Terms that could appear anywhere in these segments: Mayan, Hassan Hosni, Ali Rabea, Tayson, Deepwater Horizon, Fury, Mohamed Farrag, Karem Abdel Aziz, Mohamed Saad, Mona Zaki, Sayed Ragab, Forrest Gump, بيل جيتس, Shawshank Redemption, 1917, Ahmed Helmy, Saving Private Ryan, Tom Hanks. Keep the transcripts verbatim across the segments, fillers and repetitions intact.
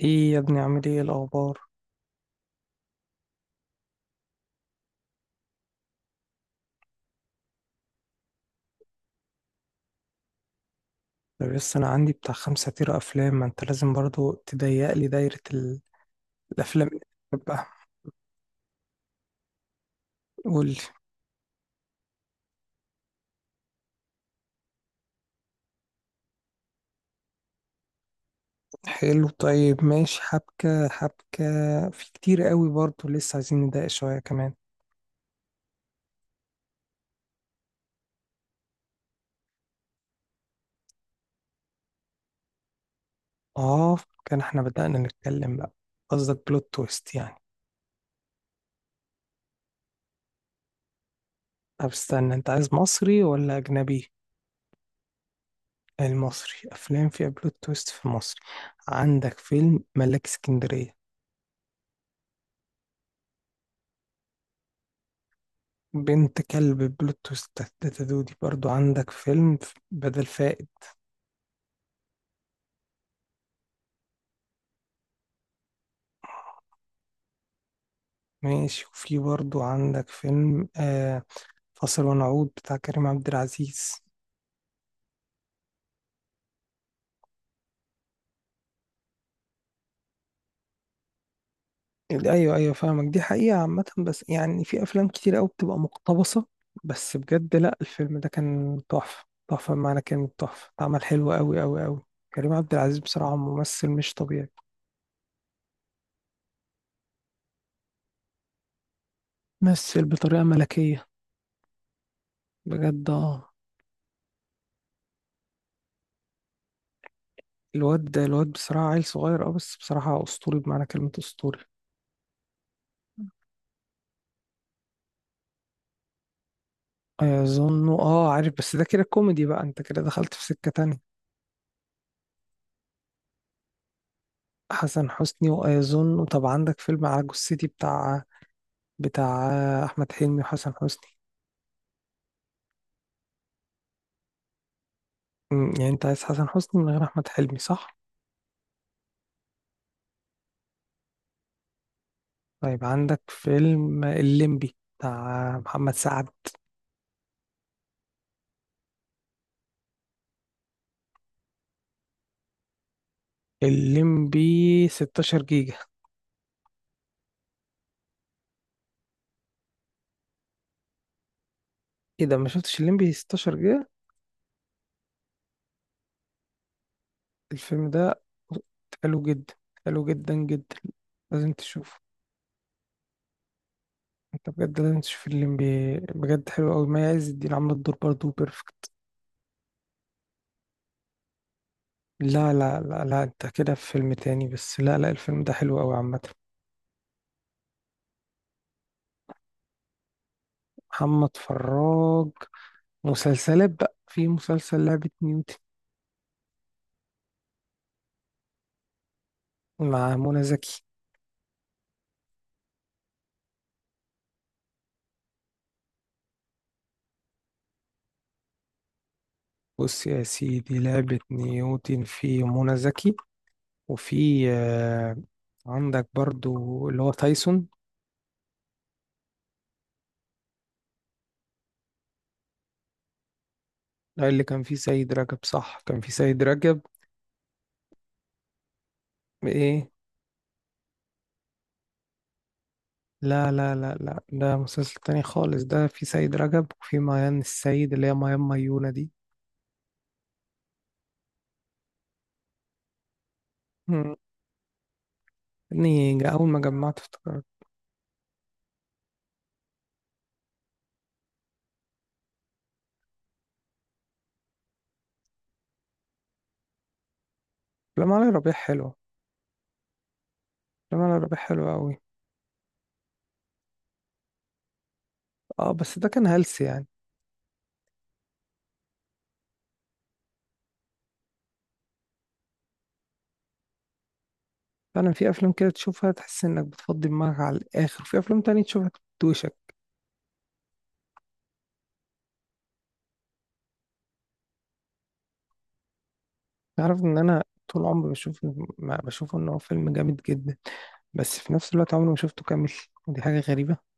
ايه يا ابني، عامل ايه الاخبار؟ طب بس انا عندي بتاع خمسة تيرة افلام، ما انت لازم برضو تضيق لي دايرة ال... الافلام اللي بحبها قول لي. حلو، طيب، ماشي. حبكة حبكة، في كتير قوي برضو لسه عايزين نضايق شوية كمان. اه، كان احنا بدأنا نتكلم بقى. قصدك بلوت تويست يعني؟ طب استنى، انت عايز مصري ولا اجنبي؟ المصري افلام فيها بلوت تويست في مصر، عندك فيلم ملاك اسكندرية، بنت كلب بلوت تويست، تاتا دودي. برضو عندك فيلم ف- بدل فائد. ماشي، وفي برضو عندك فيلم آه فاصل ونعود بتاع كريم عبد العزيز. ال- ايوه ايوه، فاهمك. دي حقيقة عامة بس يعني في افلام كتير قوي بتبقى مقتبسة، بس بجد لا، الفيلم ده كان تحفة تحفة بمعنى كلمة تحفة، اتعمل حلو قوي قوي قوي. كريم عبد العزيز بصراحة ممثل مش طبيعي. ممثل بطريقة ملكية، بجد. اه، الواد ده الواد بصراحة عيل صغير، اه بس بصراحة أسطوري بمعنى كلمة أسطوري. ايظن، اه عارف، بس ده كده كوميدي بقى، انت كده دخلت في سكة تانية. حسن حسني وايظن؟ طب عندك فيلم على جثتي بتاع بتاع احمد حلمي وحسن حسني. أمم، يعني انت عايز حسن حسني من غير احمد حلمي، صح؟ طيب عندك فيلم الليمبي بتاع محمد سعد، الليمبي 16 جيجا. ايه ده، ما شفتش الليمبي 16 جيجا؟ الفيلم ده حلو جدا، حلو جدا جدا. لازم تشوفه. انت بجد لازم تشوف الام بي اي، بجد حلو قوي. ما عز الدين عامله الدور برضه بيرفكت. لا لا لا لا، انت كده في فيلم تاني، بس لا لا، الفيلم ده حلو قوي عامه. محمد فراج، مسلسلات بقى، في مسلسل لعبة نيوتن مع منى زكي. بص يا سيدي، لعبة نيوتن في منى زكي، وفي آه، عندك برضو اللي هو تايسون. ده اللي كان فيه سيد رجب، صح؟ كان فيه سيد رجب، ايه. لا لا لا لا، ده مسلسل تاني خالص، ده في سيد رجب وفي ميان السيد اللي هي ميان ميونة دي. مم. يعني جا- أول ما جمعت افتكرت. أفلام علي ربيع حلوة. أفلام علي ربيع حلوة أوي. اه بس ده كان هلس يعني. فعلا في أفلام كده تشوفها تحس إنك بتفضي دماغك على الآخر، وفي أفلام تانية تشوفها بتدوشك. تعرف إن أنا طول عمري بشوف، ما بشوف إن هو فيلم جامد جدا، بس في نفس الوقت عمري ما شفته كامل، ودي حاجة غريبة.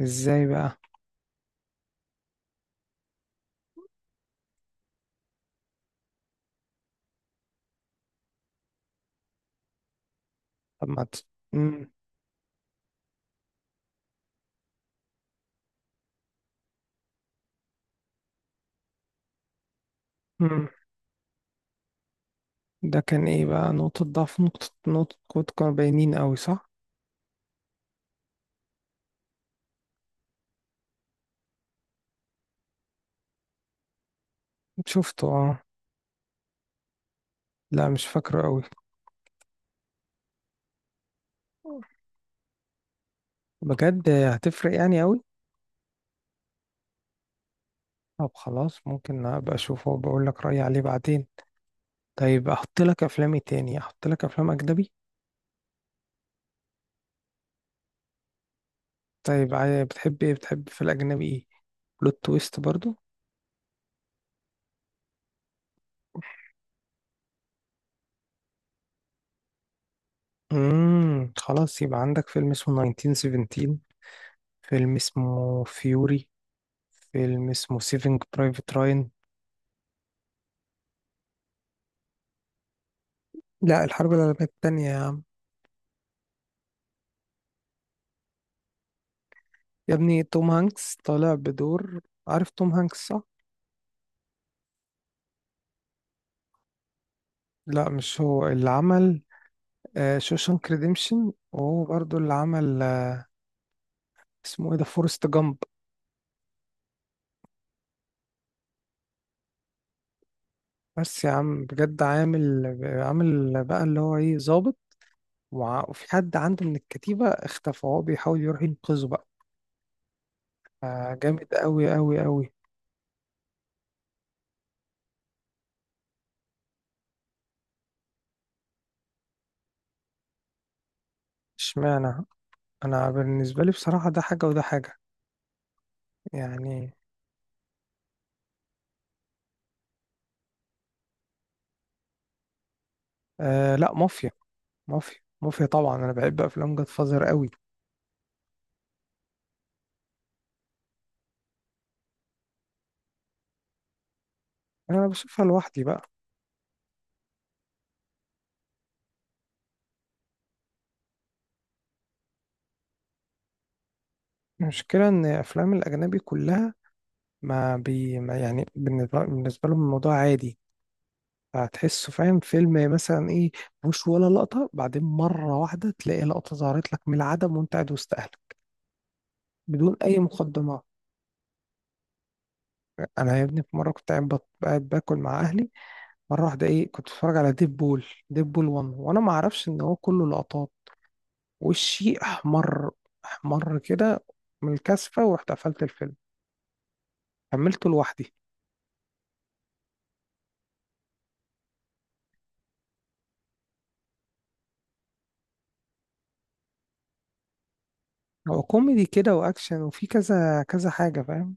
إزاي بقى؟ طب ما ت- مم. مم. ده كان ايه بقى؟ نقطة ضعف، نقطة نقطة قوة، كانوا باينين قوي، صح؟ شفته، اه. لا مش فاكره قوي. بجد هتفرق يعني قوي؟ طب خلاص، ممكن ابقى اشوفه وبقول لك رأيي عليه بعدين. طيب، احط لك افلامي تاني، احط لك افلام اجنبي. طيب عاي- بتحب ايه، بتحب في الاجنبي ايه؟ بلوت تويست برضو؟ امم خلاص يبقى عندك فيلم اسمه ألف وتسعميه وسبعتاشر، فيلم اسمه فيوري، فيلم اسمه سيفينج برايفت راين. لا، الحرب العالمية التانية. يا ابني، توم هانكس طالع بدور. عارف توم هانكس صح؟ لا مش هو اللي عمل آه، شوشانك ريديمشن، وهو برضو اللي عمل آه، اسمه ايه ده، فورست جامب. بس يا عم بجد، عامل عامل بقى اللي هو ايه، ظابط. وع- وفي حد عنده من الكتيبة اختفى وهو بيحاول يروح ينقذه بقى. آه، جامد قوي قوي قوي. اشمعنى؟ انا بالنسبة لي بصراحة ده حاجة وده حاجة، يعني. آه لا، مافيا. مافيا مافيا، طبعا انا بحب افلام جاد فازر قوي. انا بشوفها لوحدي بقى. المشكلة إن أفلام الأجنبي كلها، ما بي ما يعني، بالنسبة بالنسبة لهم الموضوع عادي. هتحسه، فاهم، فيلم مثلا إيه، مش ولا لقطة، بعدين مرة واحدة تلاقي لقطة ظهرت لك من العدم وأنت قاعد وسط أهلك، بدون أي مقدمات. أنا يا ابني في مرة كنت قاعد بط- قاعد باكل مع أهلي، مرة واحدة إيه، كنت بتفرج على ديب بول، ديب بول واحد، وأنا ما أعرفش إن هو كله لقطات. وشي أحمر، أحمر كده من الكثفة، ورحت قفلت الفيلم، كملته لوحدي. هو كوميدي كده واكشن، وفي كذا كذا حاجه، فاهم.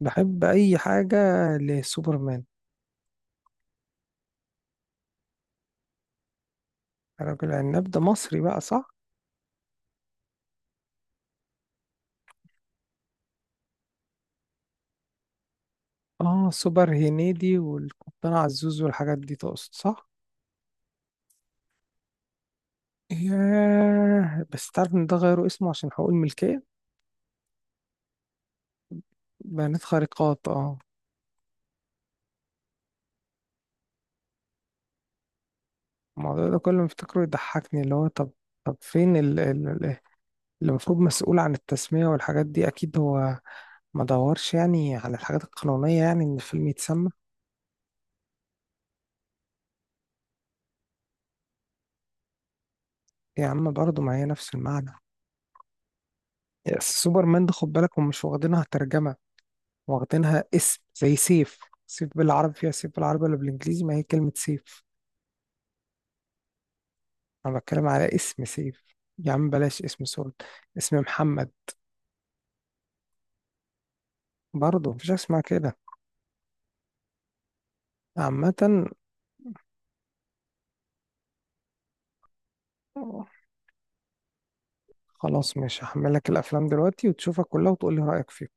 بحب اي حاجه لسوبرمان. رجل عناب ده مصري بقى، صح؟ اه، سوبر هنيدي والقبطان عزوز والحاجات دي تقصد، صح؟ ياه، بس تعرف ان ده غيروا اسمه عشان حقوق الملكيه؟ بيانات خارقات، اه. الموضوع ده كل ما افتكره يضحكني، اللي هو طب، طب فين ال- ال- ال- اللي المفروض مسؤول عن التسميه والحاجات دي؟ اكيد هو ما دورش يعني على الحاجات القانونيه، يعني ان الفيلم يتسمى. يا عم برضه، ما هي نفس المعنى. سوبرمان ده خد بالك، هم مش واخدينها ترجمة، واخدينها اسم، زي سيف. سيف بالعربي فيها، سيف بالعربي ولا بالانجليزي؟ ما هي كلمة سيف. انا بتكلم على اسم سيف. يا عم بلاش، اسم سول، اسم محمد. برضه مفيش حاجة اسمها كده. عامة. خلاص، مش هحملك الافلام دلوقتي وتشوفها كلها وتقولي رأيك فيها.